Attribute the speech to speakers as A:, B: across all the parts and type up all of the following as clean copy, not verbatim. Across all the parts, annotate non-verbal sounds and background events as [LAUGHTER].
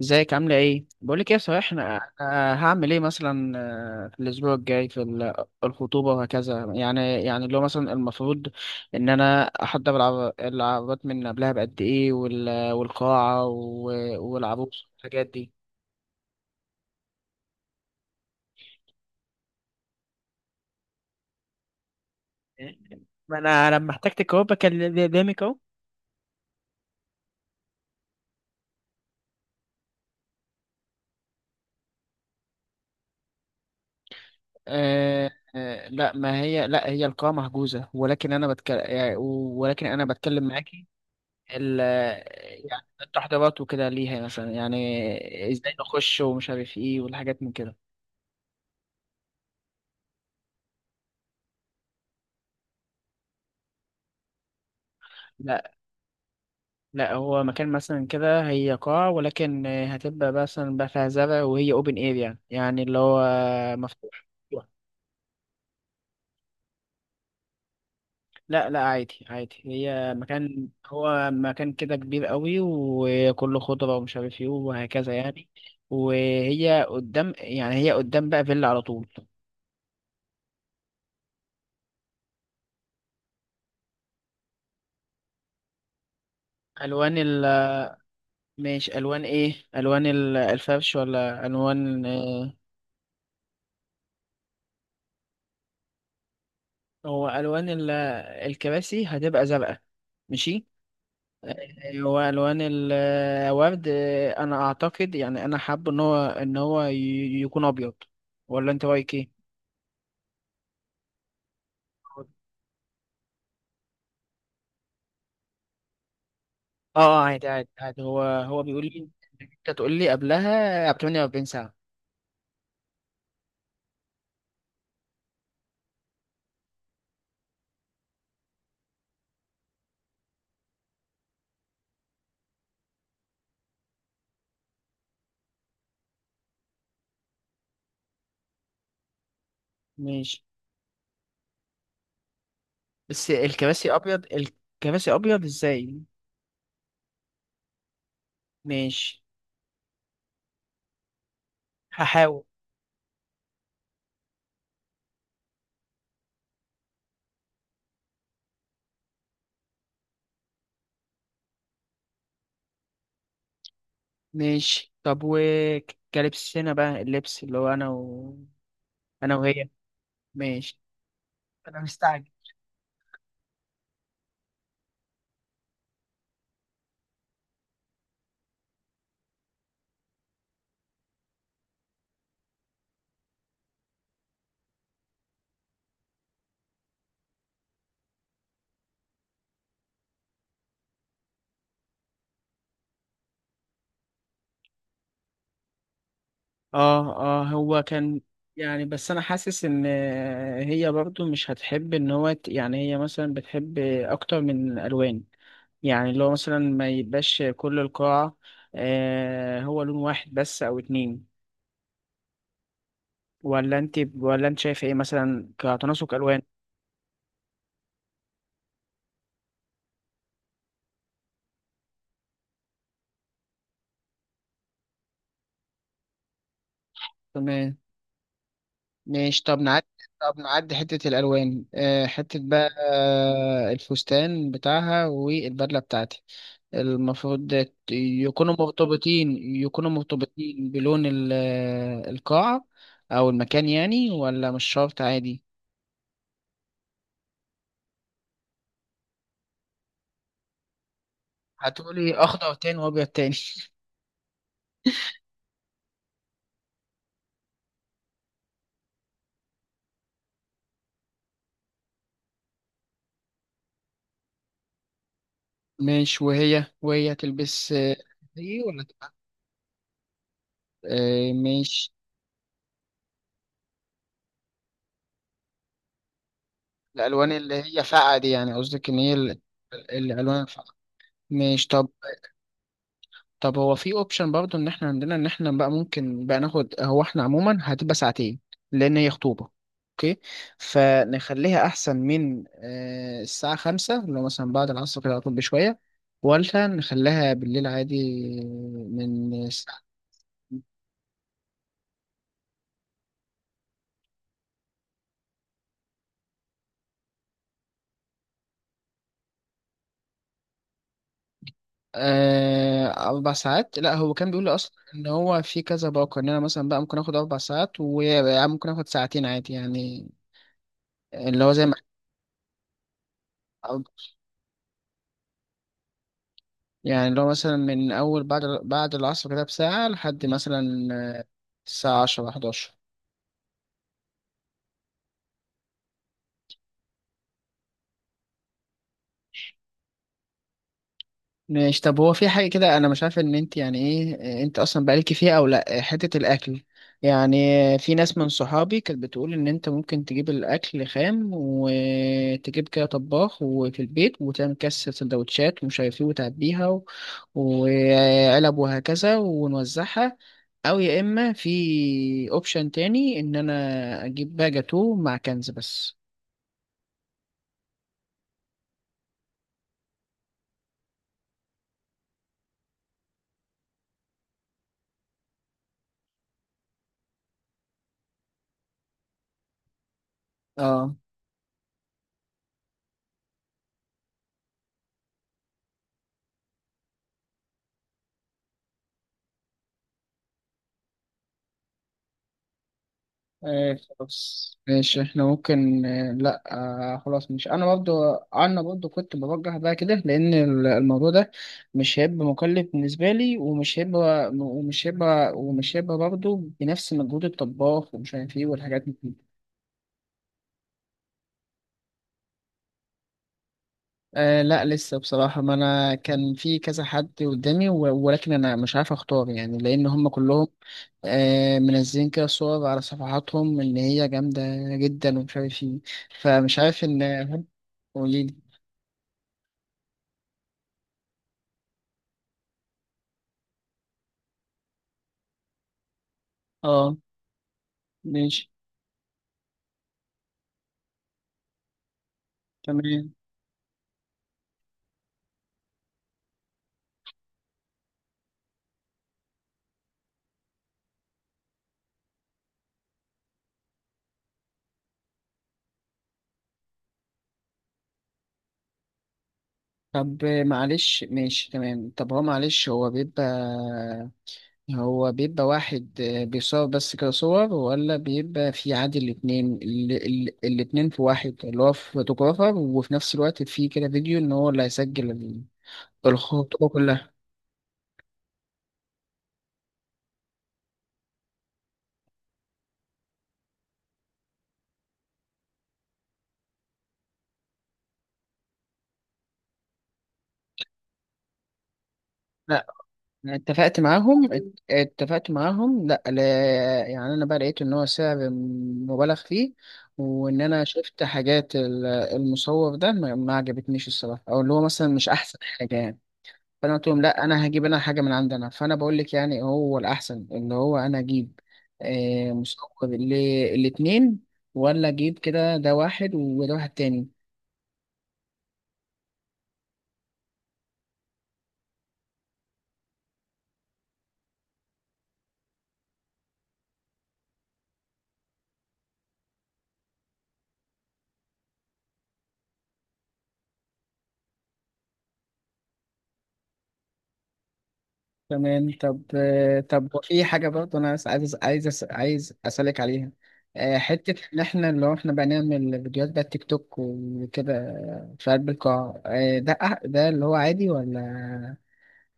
A: ازيك عاملة ايه؟ بقولك ايه، صحيح، أنا هعمل ايه مثلا. في الاسبوع الجاي في الخطوبة وهكذا، يعني اللي هو مثلا المفروض ان انا احضر العربات من قبلها بقد ايه والقاعة والعروس والحاجات دي. ما انا لما احتجتك اهو بكلم قدامك اهو. آه لا، ما هي، لا هي القاعة محجوزة، ولكن انا بتكلم، ولكن انا بتكلم معاكي ال يعني التحضيرات وكده، ليها مثلا يعني ازاي نخش ومش عارف ايه والحاجات من كده. لا، لا، هو مكان مثلا كده، هي قاعة ولكن هتبقى مثلا بقى فيها زرع، وهي اوبن اير يعني، يعني اللي هو مفتوح. لا لا، عادي عادي، هي مكان، هو مكان كده كبير قوي وكله خضرة ومش عارف ايه وهكذا يعني. وهي قدام، يعني هي قدام بقى فيلا على طول. الوان، ماشي، الوان ايه؟ الوان الفرش ولا الوان؟ هو الوان الكراسي هتبقى زرقاء. ماشي. آه، هو الوان الورد، انا اعتقد، يعني انا حابب ان هو يكون ابيض. ولا انت رايك ايه؟ اه، عادي عادي عادي، هو بيقول لي انت تقول لي قبلها ب 48 ساعه. ماشي. بس الكراسي ابيض؟ الكراسي ابيض ازاي؟ ماشي. هحاول. ماشي، طب وكلبسنا بقى، اللبس اللي هو انا و... انا وهي. ماشي. انا مستعجل. اه. اه هو كان يعني. بس انا حاسس ان هي برضو مش هتحب ان هو يعني هي مثلا بتحب اكتر من الوان، يعني اللي هو مثلا ما يبقاش كل القاعة هو لون واحد بس او اتنين. ولا انت، ولا انت شايف ايه مثلا كتناسق الوان؟ تمام. ماشي، طب نعدي، طب نعدي حتة الألوان، حتة بقى، الفستان بتاعها والبدلة بتاعتي، المفروض يكونوا مرتبطين، يكونوا مرتبطين بلون القاعة أو المكان يعني، ولا مش شرط عادي؟ هتقولي أخضر تاني وأبيض تاني؟ [LAUGHS] ماشي. وهي تلبس دي، ولا تبقى ماشي. الألوان اللي هي فاقعة دي، يعني قصدك إن هي الألوان الفاقعة. ماشي، طب. طب هو في اوبشن برضو ان احنا عندنا، ان احنا بقى ممكن بقى ناخد، هو احنا عموما هتبقى ساعتين لان هي خطوبة. اوكي. فنخليها احسن من الساعة 5، لو مثلا بعد العصر كده على طول بشوية، ولا نخليها بالليل عادي، من الساعة- 4 ساعات. لا هو كان بيقول لي أصلا إن هو في كذا باقة، إن أنا مثلا بقى ممكن آخد 4 ساعات، وممكن آخد ساعتين عادي يعني، اللي هو زي ما يعني، لو مثلا من أول بعد العصر كده بساعة لحد مثلا آه، الساعة 10 11. ماشي، طب هو في حاجة كده، أنا مش عارف إن أنت يعني إيه أنت أصلا بقالك فيها أو لأ، حتة الأكل يعني. في ناس من صحابي كانت بتقول إن أنت ممكن تجيب الأكل خام وتجيب كده طباخ وفي البيت وتعمل كاس سندوتشات ومش عارف إيه وتعبيها و... وعلب وهكذا ونوزعها. أو يا إما في أوبشن تاني إن أنا أجيب بقى جاتوه مع كنز بس. اه. ايه خلاص ماشي، احنا ممكن، لا، خلاص. مش انا برضو، انا برضو كنت بوجه بقى كده، لان الموضوع ده مش هيبقى مكلف بالنسبه لي، ومش هيبقى برضو بنفس مجهود الطباخ ومش عارف ايه والحاجات دي. لا لسه بصراحة، ما أنا كان في كذا حد قدامي ولكن أنا مش عارف أختار، يعني لأن هم كلهم منزلين كده صور على صفحاتهم إن هي جامدة جدا ومش عارف إيه، فمش عارف إن [LAUGHS] هم. قوليلي. آه ماشي تمام. طب معلش، ماشي تمام. طب هو معلش، هو بيبقى واحد بيصور بس كده صور، ولا بيبقى في عادي الاتنين، الاتنين في واحد، اللي هو فوتوغرافر وفي نفس الوقت في كده فيديو، ان هو اللي هيسجل الخطوة كلها. لا أنا اتفقت معاهم، اتفقت معاهم، لا لا. يعني انا بقى لقيت ان هو سعر مبالغ فيه، وان انا شفت حاجات المصور ده ما عجبتنيش الصراحة، او اللي هو مثلا مش احسن حاجة يعني. فانا قلت لهم لا، انا هجيب انا حاجه من عندنا. فانا بقول لك يعني هو الاحسن اللي هو انا اجيب مسكر للاتنين، ولا اجيب كده ده واحد وده واحد تاني. تمام. طب طب في حاجه برضه انا عايز اسالك عليها. حته ان احنا، لو احنا بقى نعمل فيديوهات بقى تيك توك وكده في قلب القاعه، ده ده اللي هو عادي، ولا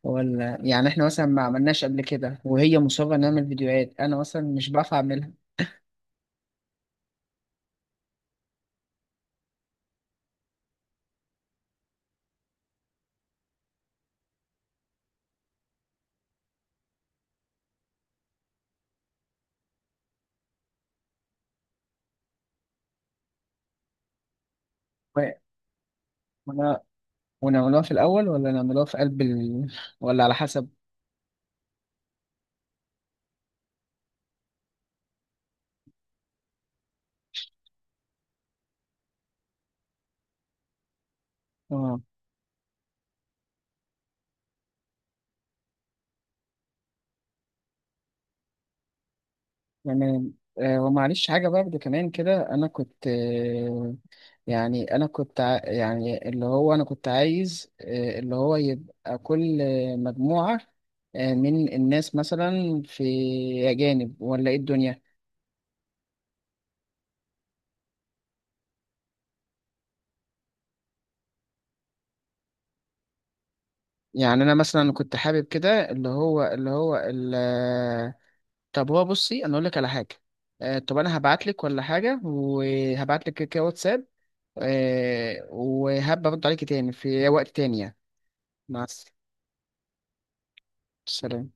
A: ولا يعني احنا مثلا ما عملناش قبل كده وهي مصره نعمل فيديوهات، انا مثلا مش بعرف اعملها. ولا ونعملوها في الأول، ولا نعملوها في قلب ال...، ولا على حسب؟ اه يعني. ومعلش حاجة برضه كمان كده، أنا كنت يعني أنا كنت يعني اللي هو أنا كنت عايز اللي هو يبقى كل مجموعة من الناس مثلا في، أجانب ولا إيه الدنيا. يعني أنا مثلا كنت حابب كده، اللي هو، اللي هو ال...، طب هو بصي، أنا أقول لك على حاجة. طب أنا هبعت لك ولا حاجة، وهبعت لك كده واتساب، وهبقى ارد عليكي تاني في وقت تاني يعني. مع السلامة.